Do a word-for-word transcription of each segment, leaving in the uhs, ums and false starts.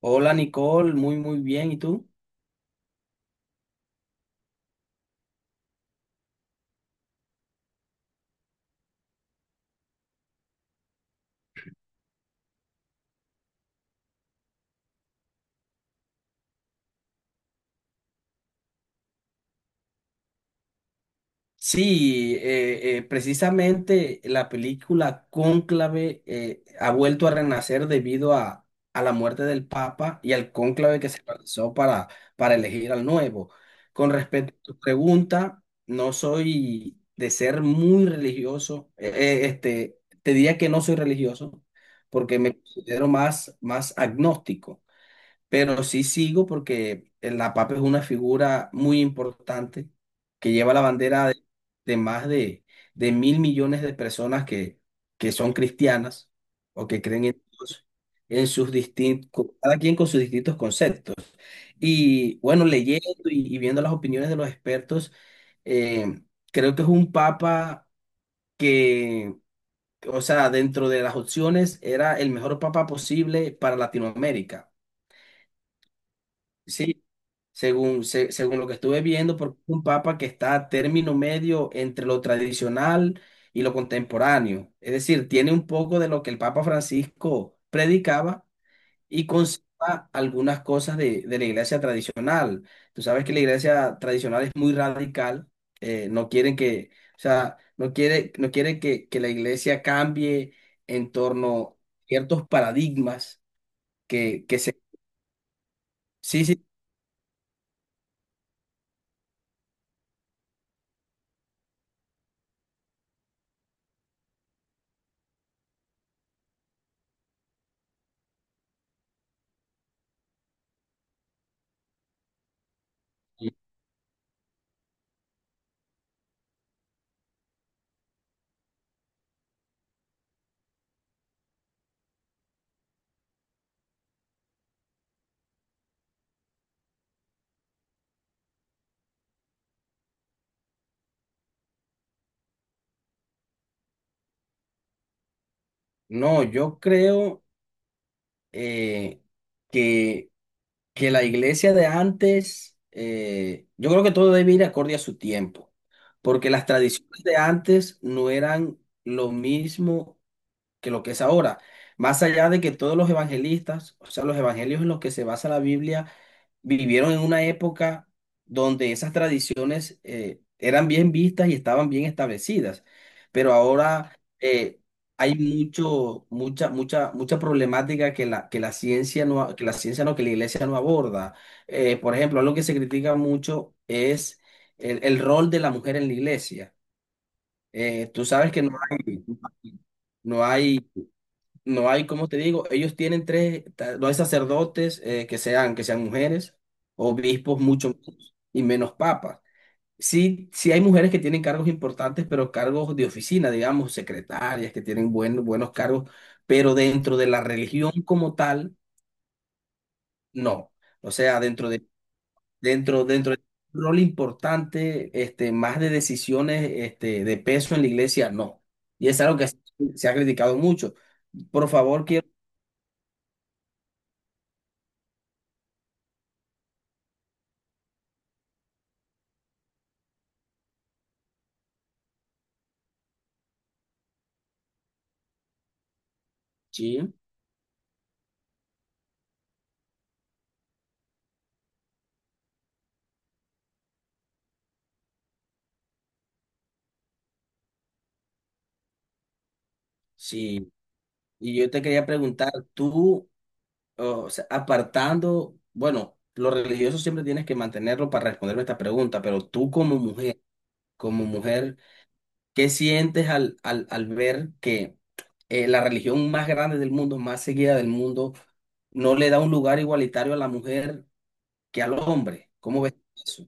Hola Nicole, muy muy bien. ¿Y tú? Sí, eh, eh, precisamente la película Cónclave eh, ha vuelto a renacer debido a, a la muerte del Papa y al cónclave que se realizó para, para elegir al nuevo. Con respecto a tu pregunta, no soy de ser muy religioso. Eh, eh, este, te diría que no soy religioso porque me considero más, más agnóstico. Pero sí sigo porque el- la papa es una figura muy importante que lleva la bandera de, de más de, de mil millones de personas que, que son cristianas o que creen en Dios, en sus distintos, cada quien con sus distintos conceptos. Y bueno, leyendo y, y viendo las opiniones de los expertos, eh, creo que es un papa que, o sea, dentro de las opciones era el mejor papa posible para Latinoamérica. Sí, según, se- según lo que estuve viendo, porque es un papa que está a término medio entre lo tradicional y lo contemporáneo. Es decir, tiene un poco de lo que el Papa Francisco predicaba y conserva algunas cosas de, de la iglesia tradicional. Tú sabes que la iglesia tradicional es muy radical, eh, no quieren que, o sea, no quiere, no quiere que, que la iglesia cambie en torno a ciertos paradigmas que, que se... Sí, sí. No, yo creo eh, que, que la iglesia de antes, eh, yo creo que todo debe ir acorde a su tiempo, porque las tradiciones de antes no eran lo mismo que lo que es ahora. Más allá de que todos los evangelistas, o sea, los evangelios en los que se basa la Biblia, vivieron en una época donde esas tradiciones eh, eran bien vistas y estaban bien establecidas, pero ahora eh, hay mucho, mucha, mucha, mucha problemática que la, que la ciencia no, a- que la ciencia no, que la iglesia no aborda. Eh, por ejemplo, algo que se critica mucho es el, el rol de la mujer en la iglesia. Eh, tú sabes que no hay, no hay no hay, como te digo, ellos tienen tres, ta- no hay sacerdotes eh, que sean, que sean mujeres, obispos mucho menos, y menos papas. Sí, sí hay mujeres que tienen cargos importantes, pero cargos de oficina, digamos, secretarias, que tienen buen- buenos cargos, pero dentro de la religión como tal, no. O sea, dentro de, dentro, dentro de un rol importante, este, más de decisiones, este, de peso en la iglesia, no. Y es algo que se se ha criticado mucho. Por favor, quiero... Sí, sí. Y yo te quería preguntar, tú, o sea, apartando, bueno, lo religioso siempre tienes que mantenerlo para responderme esta pregunta, pero tú como mujer, como mujer, ¿qué sientes al, al, al ver que eh, la religión más grande del mundo, más seguida del mundo, no le da un lugar igualitario a la mujer que al hombre? ¿Cómo ves eso?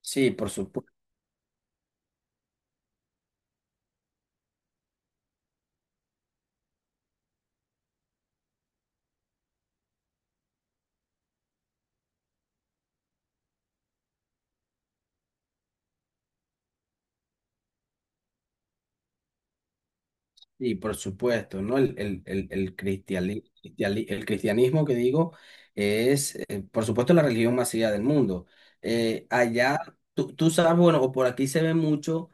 Sí, por supuesto. Y por supuesto, ¿no? El, el, el, el cristiali- cristiali- el cristianismo que digo es, eh, por supuesto, la religión más seguida del mundo. Eh, allá, tú, tú sabes, bueno, o por aquí se ve mucho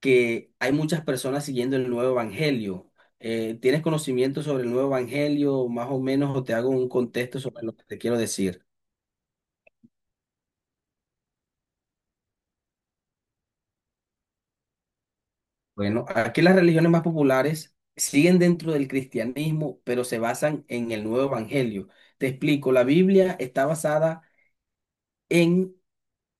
que hay muchas personas siguiendo el nuevo evangelio. Eh, ¿tienes conocimiento sobre el nuevo evangelio, más o menos, o te hago un contexto sobre lo que te quiero decir? Bueno, aquí las religiones más populares siguen dentro del cristianismo, pero se basan en el nuevo evangelio. Te explico, la Biblia está basada en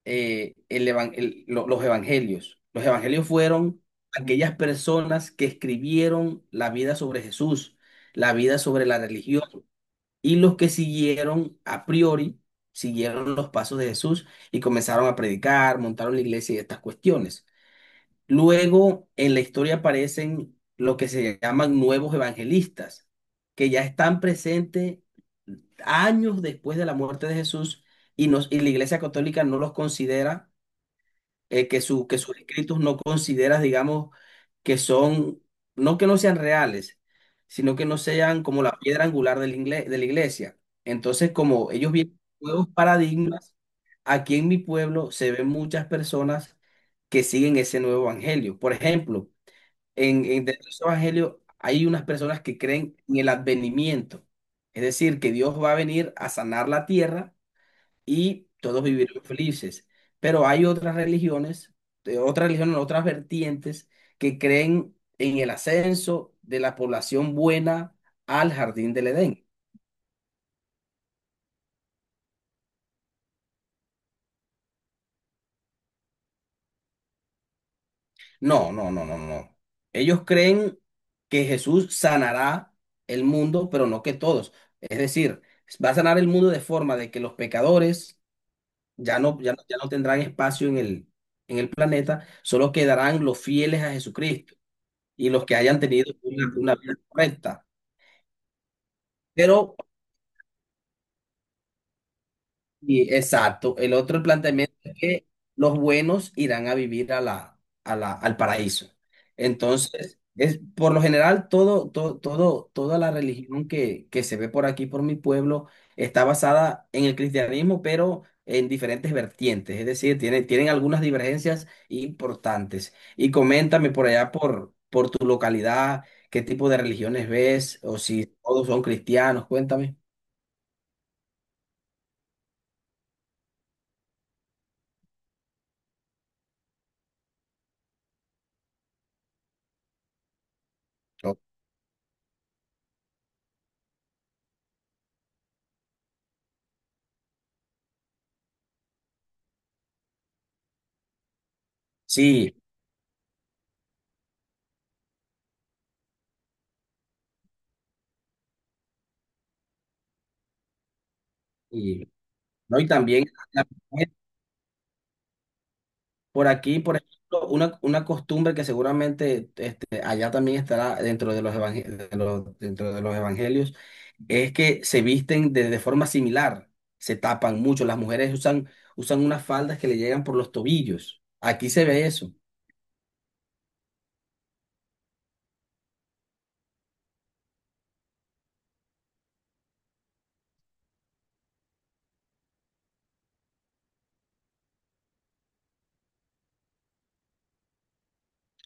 eh, el evan- el- lo- los evangelios. Los evangelios fueron aquellas personas que escribieron la vida sobre Jesús, la vida sobre la religión, y los que siguieron a priori, siguieron los pasos de Jesús y comenzaron a predicar, montaron la iglesia y estas cuestiones. Luego en la historia aparecen lo que se llaman nuevos evangelistas, que ya están presentes años después de la muerte de Jesús y, nos, y la Iglesia Católica no los considera eh, que, su- que sus escritos no consideras, digamos, que son, no que no sean reales, sino que no sean como la piedra angular del ingle- de la iglesia. Entonces, como ellos vienen de nuevos paradigmas, aquí en mi pueblo se ven muchas personas que siguen ese nuevo evangelio. Por ejemplo, en, en dentro de ese evangelio hay unas personas que creen en el advenimiento, es decir, que Dios va a venir a sanar la tierra y todos vivirán felices. Pero hay otras religiones, de otras religiones, otras vertientes que creen en el ascenso de la población buena al jardín del Edén. No, no, no, no, no. Ellos creen que Jesús sanará el mundo, pero no que todos. Es decir, va a sanar el mundo de forma de que los pecadores ya no, ya no, ya no tendrán espacio en el, en el planeta, solo quedarán los fieles a Jesucristo y los que hayan tenido una, una vida correcta. Pero y exacto. El otro planteamiento es que los buenos irán a vivir a la, a la, al paraíso. Entonces, es, por lo general, todo, todo, todo, toda la religión que, que se ve por aquí, por mi pueblo, está basada en el cristianismo, pero en diferentes vertientes. Es decir, tiene, tienen algunas divergencias importantes. Y coméntame por allá, por, por tu localidad, qué tipo de religiones ves, o si todos son cristianos, cuéntame. No, sí. Y... ¿no? Y también la- por aquí, por ejemplo, una, una costumbre que seguramente este, allá también estará dentro de los, evangel- de los- dentro de los evangelios, es que se visten de, de forma similar, se tapan mucho, las mujeres usan, usan unas faldas que le llegan por los tobillos. Aquí se ve eso.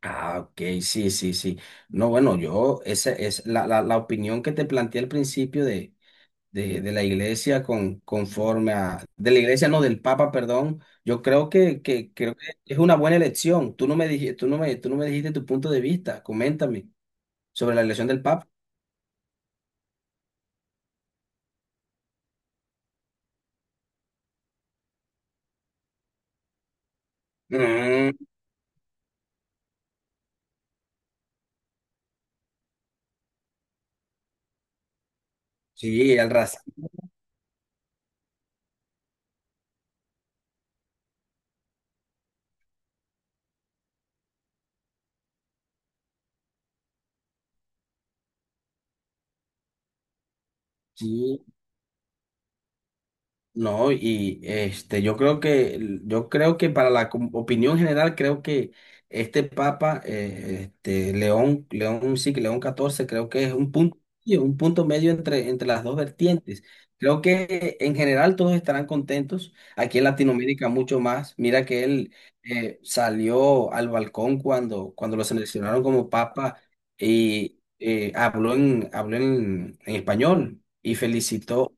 Ah, ok, sí, sí, sí. No, bueno, yo, esa es la, la, la opinión que te planteé al principio de, de la iglesia con, conforme a, de la iglesia, no, del Papa, perdón, yo creo que, que, creo que es una buena elección. Tú no me dijiste, tú no me, tú no me dijiste tu punto de vista. Coméntame sobre la elección del Papa. Mm, sí, el racismo. No, y este, yo creo que, yo creo que para la com- opinión general, creo que este Papa, eh, este, León, León, sí, que León catorce creo que es un punto, medio, un punto medio entre, entre las dos vertientes. Creo que en general todos estarán contentos. Aquí en Latinoamérica mucho más. Mira que él eh, salió al balcón cuando, cuando lo seleccionaron como Papa y eh, habló en, habló en en español y felicitó.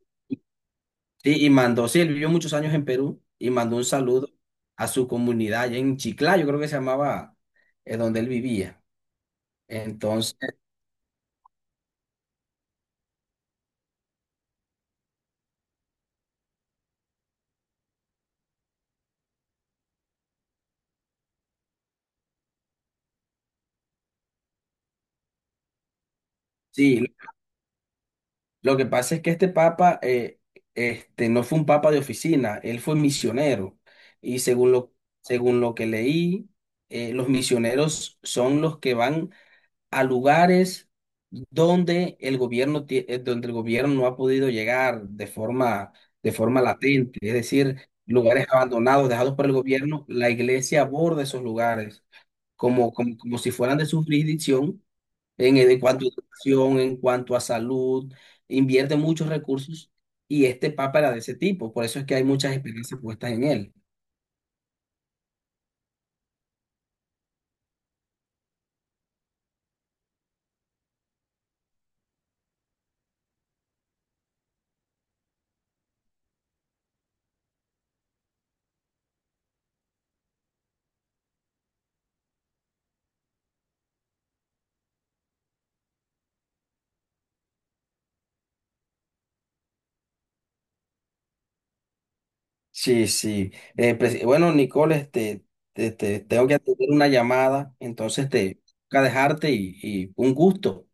Sí, y mandó, sí, él vivió muchos años en Perú y mandó un saludo a su comunidad allá en Chiclayo, creo que se llamaba eh, donde él vivía. Entonces, sí, lo que pasa es que este papa eh, este, no fue un papa de oficina, él fue misionero. Y según lo, según lo que leí, eh, los misioneros son los que van a lugares donde el gobierno, tie- eh, donde el gobierno no ha podido llegar de forma, de forma latente, es decir, lugares abandonados, dejados por el gobierno, la iglesia aborda esos lugares como, como, como si fueran de su jurisdicción en, en cuanto a educación, en cuanto a salud, invierte muchos recursos y este papa era de ese tipo, por eso es que hay muchas esperanzas puestas en él. Sí, sí. Eh, presi- bueno, Nicole, este, te, te- tengo que atender una llamada, entonces te toca dejarte y, y un gusto.